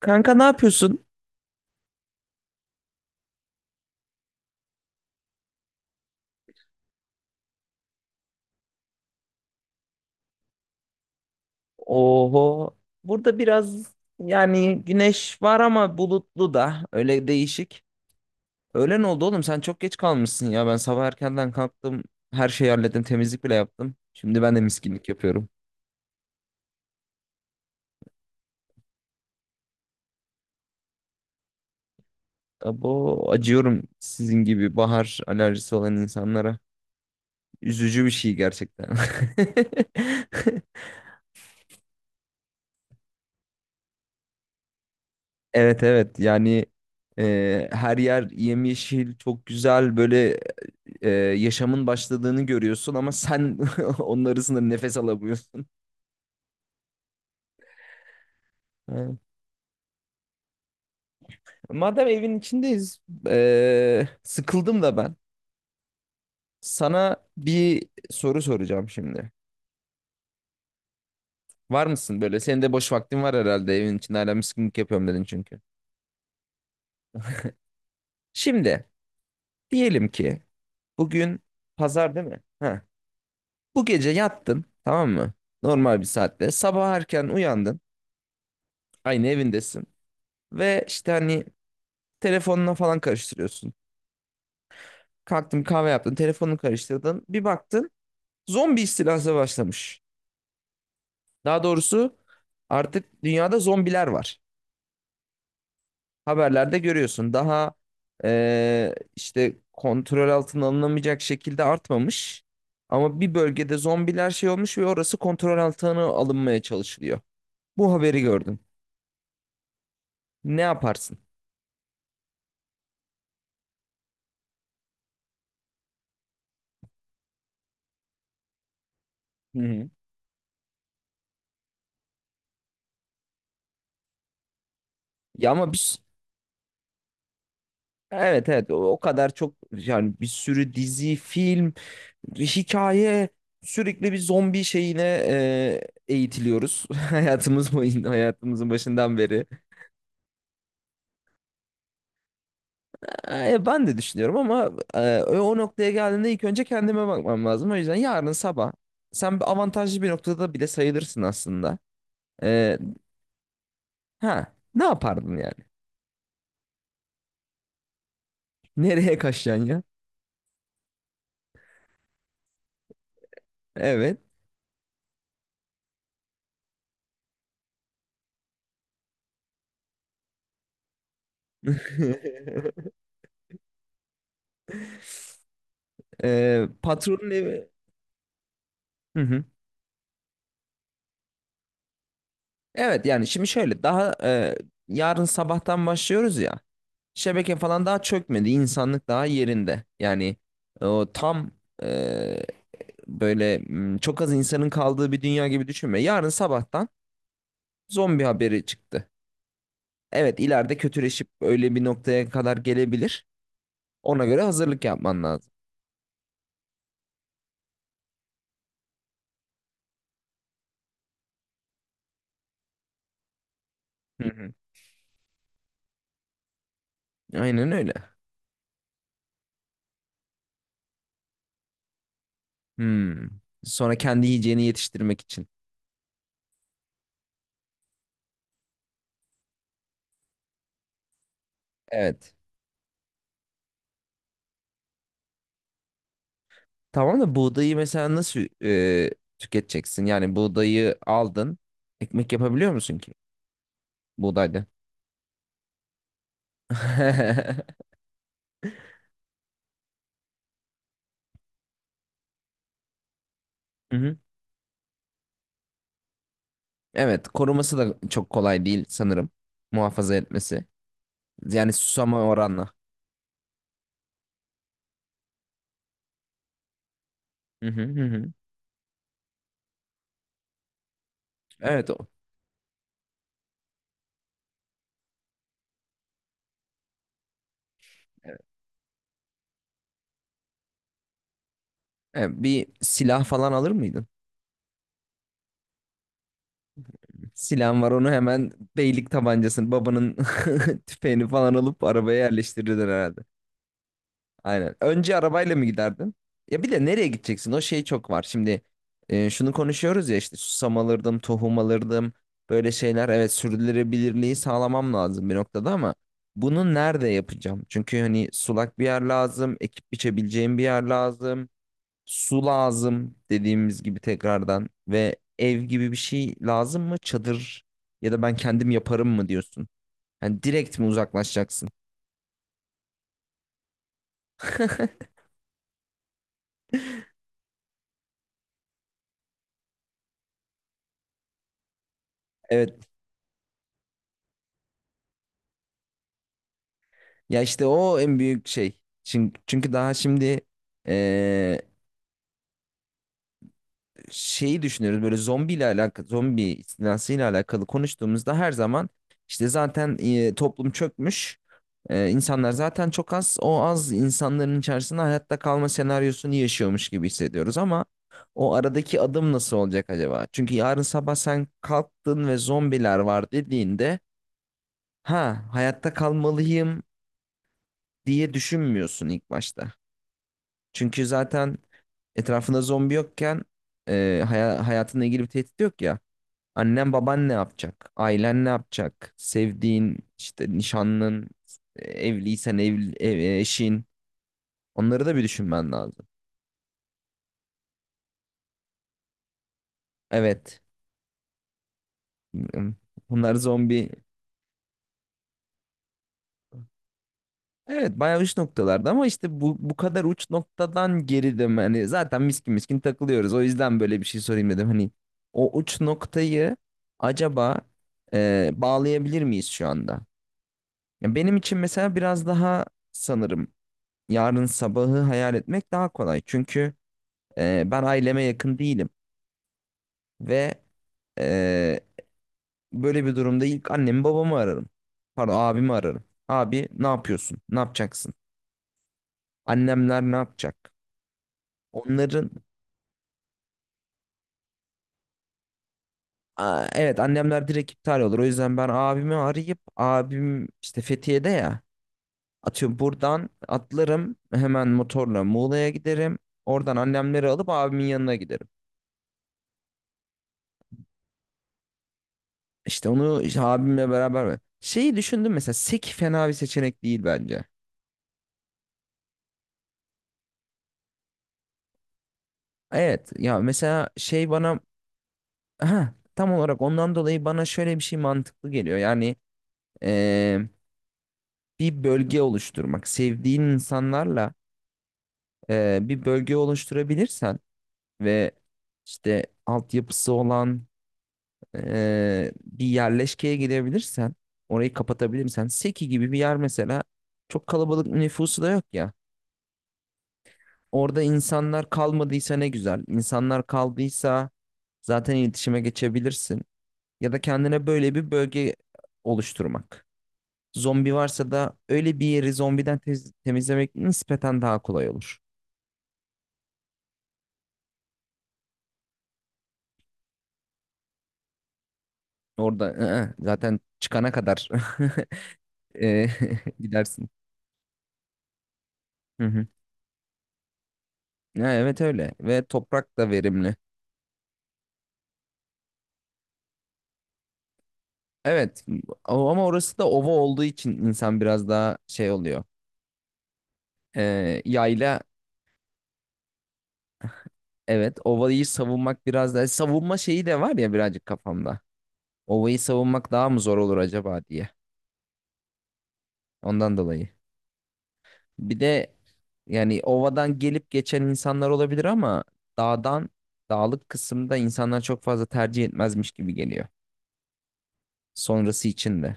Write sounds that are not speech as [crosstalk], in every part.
Kanka ne yapıyorsun? Oho. Burada biraz yani güneş var ama bulutlu da öyle değişik. Öğlen oldu oğlum sen çok geç kalmışsın ya. Ben sabah erkenden kalktım. Her şeyi hallettim. Temizlik bile yaptım. Şimdi ben de miskinlik yapıyorum. Abo acıyorum sizin gibi bahar alerjisi olan insanlara. Üzücü bir şey gerçekten. [laughs] Evet evet yani her yer yemyeşil çok güzel böyle yaşamın başladığını görüyorsun ama sen [laughs] onun arasında nefes alamıyorsun. Evet. Madem evin içindeyiz, sıkıldım da ben. Sana bir soru soracağım şimdi. Var mısın böyle? Senin de boş vaktin var herhalde evin içinde hala mıskınlık yapıyorum dedin çünkü. Şimdi diyelim ki bugün pazar değil mi? Ha. Bu gece yattın tamam mı? Normal bir saatte. Sabah erken uyandın. Aynı evindesin. Ve işte hani telefonuna falan karıştırıyorsun. Kalktın kahve yaptın, telefonunu karıştırdın. Bir baktın zombi istilası başlamış. Daha doğrusu artık dünyada zombiler var. Haberlerde görüyorsun. Daha işte kontrol altına alınamayacak şekilde artmamış. Ama bir bölgede zombiler şey olmuş ve orası kontrol altına alınmaya çalışılıyor. Bu haberi gördüm. Ne yaparsın? Hı hı. Ya ama biz evet evet o kadar çok yani bir sürü dizi, film, hikaye, sürekli bir zombi şeyine e, eğitiliyoruz. [laughs] Hayatımız boyunca, hayatımızın başından beri. E, ben de düşünüyorum ama o noktaya geldiğinde ilk önce kendime bakmam lazım. O yüzden yarın sabah sen bir avantajlı bir noktada bile sayılırsın aslında. E, ha, Ne yapardın yani? Nereye kaçacaksın ya? Evet. [laughs] E, patronun evi. Hı hı. Evet yani şimdi şöyle daha yarın sabahtan başlıyoruz ya. Şebeke falan daha çökmedi. İnsanlık daha yerinde. Yani e, o tam e, böyle çok az insanın kaldığı bir dünya gibi düşünme. Yarın sabahtan zombi haberi çıktı. Evet ileride kötüleşip öyle bir noktaya kadar gelebilir. Ona göre hazırlık yapman lazım. Hı hı. Aynen öyle. Hmm. Sonra kendi yiyeceğini yetiştirmek için. Evet. Tamam da buğdayı mesela nasıl tüketeceksin? Yani buğdayı aldın. Ekmek yapabiliyor musun ki buğdayda? [laughs] Hı hı. Evet, koruması da çok kolay değil sanırım. Muhafaza etmesi. Yani susama oranla. Hı hı hı hı. Evet o. Evet, bir silah falan alır mıydın? Silahın var, onu hemen beylik tabancasını babanın [laughs] tüfeğini falan alıp arabaya yerleştirirdin herhalde. Aynen. Önce arabayla mı giderdin? Ya bir de nereye gideceksin? O şey çok var. Şimdi şunu konuşuyoruz ya, işte susam alırdım, tohum alırdım. Böyle şeyler, evet, sürdürülebilirliği sağlamam lazım bir noktada ama bunu nerede yapacağım? Çünkü hani sulak bir yer lazım, ekip biçebileceğim bir yer lazım, su lazım dediğimiz gibi tekrardan ve ev gibi bir şey lazım mı? Çadır ya da ben kendim yaparım mı diyorsun? Yani direkt mi uzaklaşacaksın? Evet. Ya işte o en büyük şey. Çünkü daha şimdi eee, şeyi düşünüyoruz böyle zombiyle alakalı, zombi istilasıyla alakalı konuştuğumuzda her zaman işte zaten toplum çökmüş. İnsanlar zaten çok az. O az insanların içerisinde hayatta kalma senaryosunu yaşıyormuş gibi hissediyoruz ama o aradaki adım nasıl olacak acaba? Çünkü yarın sabah sen kalktın ve zombiler var dediğinde ha hayatta kalmalıyım diye düşünmüyorsun ilk başta. Çünkü zaten etrafında zombi yokken hayatınla ilgili bir tehdit yok ya. Annen baban ne yapacak? Ailen ne yapacak? Sevdiğin işte nişanlın, evliysen evli, eşin. Onları da bir düşünmen lazım. Evet. Bunlar zombi. Evet bayağı uç noktalarda ama işte bu kadar uç noktadan geridim. Hani zaten miskin miskin takılıyoruz. O yüzden böyle bir şey sorayım dedim. Hani o uç noktayı acaba bağlayabilir miyiz şu anda? Ya benim için mesela biraz daha sanırım yarın sabahı hayal etmek daha kolay. Çünkü ben aileme yakın değilim ve e, böyle bir durumda ilk annemi babamı ararım. Pardon, abimi ararım. Abi ne yapıyorsun? Ne yapacaksın? Annemler ne yapacak? Onların... Aa, evet annemler direkt iptal olur. O yüzden ben abimi arayıp, abim işte Fethiye'de ya, atıyorum buradan atlarım hemen motorla Muğla'ya giderim. Oradan annemleri alıp abimin yanına giderim. İşte onu, işte abimle beraber mi? Şeyi düşündüm mesela, Sek fena bir seçenek değil bence. Evet ya mesela şey bana, ha, tam olarak ondan dolayı bana şöyle bir şey mantıklı geliyor. Yani eee, bir bölge oluşturmak sevdiğin insanlarla, bir bölge oluşturabilirsen ve işte altyapısı olan bir yerleşkeye gidebilirsen, orayı kapatabilirsen, Seki gibi bir yer mesela, çok kalabalık nüfusu da yok ya. Orada insanlar kalmadıysa ne güzel. İnsanlar kaldıysa zaten iletişime geçebilirsin. Ya da kendine böyle bir bölge oluşturmak. Zombi varsa da öyle bir yeri temizlemek nispeten daha kolay olur. Orada zaten çıkana kadar [laughs] e, [laughs] gidersin. Hı hı. Ha, evet öyle ve toprak da verimli. Evet ama orası da ova olduğu için insan biraz daha şey oluyor. E, yayla. Evet, ovayı savunmak biraz da savunma şeyi de var ya birazcık kafamda. Ovayı savunmak daha mı zor olur acaba diye. Ondan dolayı. Bir de yani ovadan gelip geçen insanlar olabilir ama dağdan dağlık kısımda insanlar çok fazla tercih etmezmiş gibi geliyor. Sonrası için de.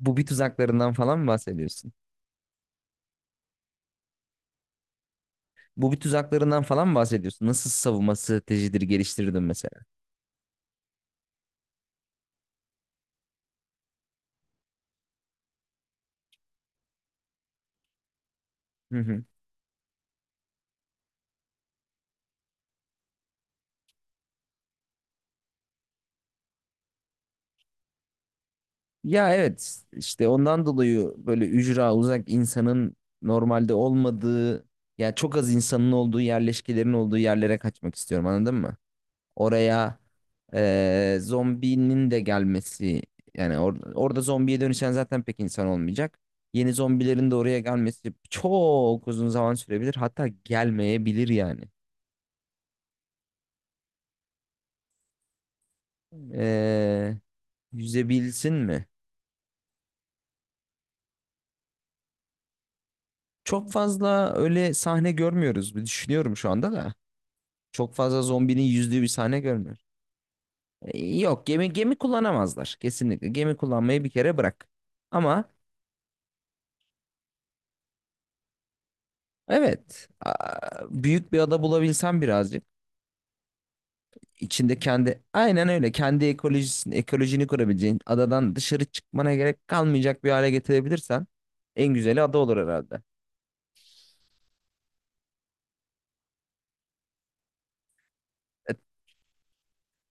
Bu bir tuzaklarından falan mı bahsediyorsun? Bu bir tuzaklarından falan mı bahsediyorsun? Nasıl savunma stratejileri geliştirdin mesela? [laughs] Ya evet işte ondan dolayı böyle ücra, uzak, insanın normalde olmadığı ya çok az insanın olduğu yerleşkelerin olduğu yerlere kaçmak istiyorum, anladın mı? Oraya zombinin de gelmesi, yani orada zombiye dönüşen zaten pek insan olmayacak. Yeni zombilerin de oraya gelmesi çok uzun zaman sürebilir, hatta gelmeyebilir yani. Eee Yüzebilsin mi? Çok fazla öyle sahne görmüyoruz, bir düşünüyorum şu anda da. Çok fazla zombinin yüzdüğü bir sahne görmüyor. Yok, gemi kullanamazlar kesinlikle. Gemi kullanmayı bir kere bırak. Ama evet, büyük bir ada bulabilsen, birazcık içinde kendi, aynen öyle, kendi ekolojini kurabileceğin, adadan dışarı çıkmana gerek kalmayacak bir hale getirebilirsen, en güzeli ada olur herhalde.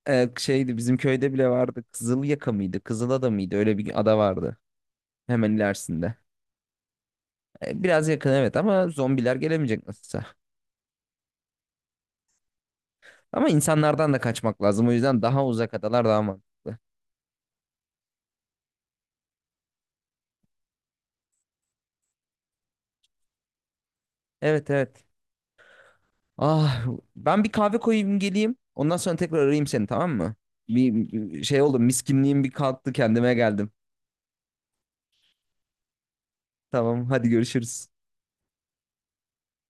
Şeydi, bizim köyde bile vardı. Kızılyaka mıydı? Kızılada mıydı? Öyle bir ada vardı. Hemen ilerisinde. Biraz yakın evet ama zombiler gelemeyecek nasılsa. Ama insanlardan da kaçmak lazım. O yüzden daha uzak adalar daha mantıklı. Evet evet. Ah, ben bir kahve koyayım geleyim. Ondan sonra tekrar arayayım seni, tamam mı? Bir şey oldu. Miskinliğim bir kalktı, kendime geldim. Tamam hadi görüşürüz.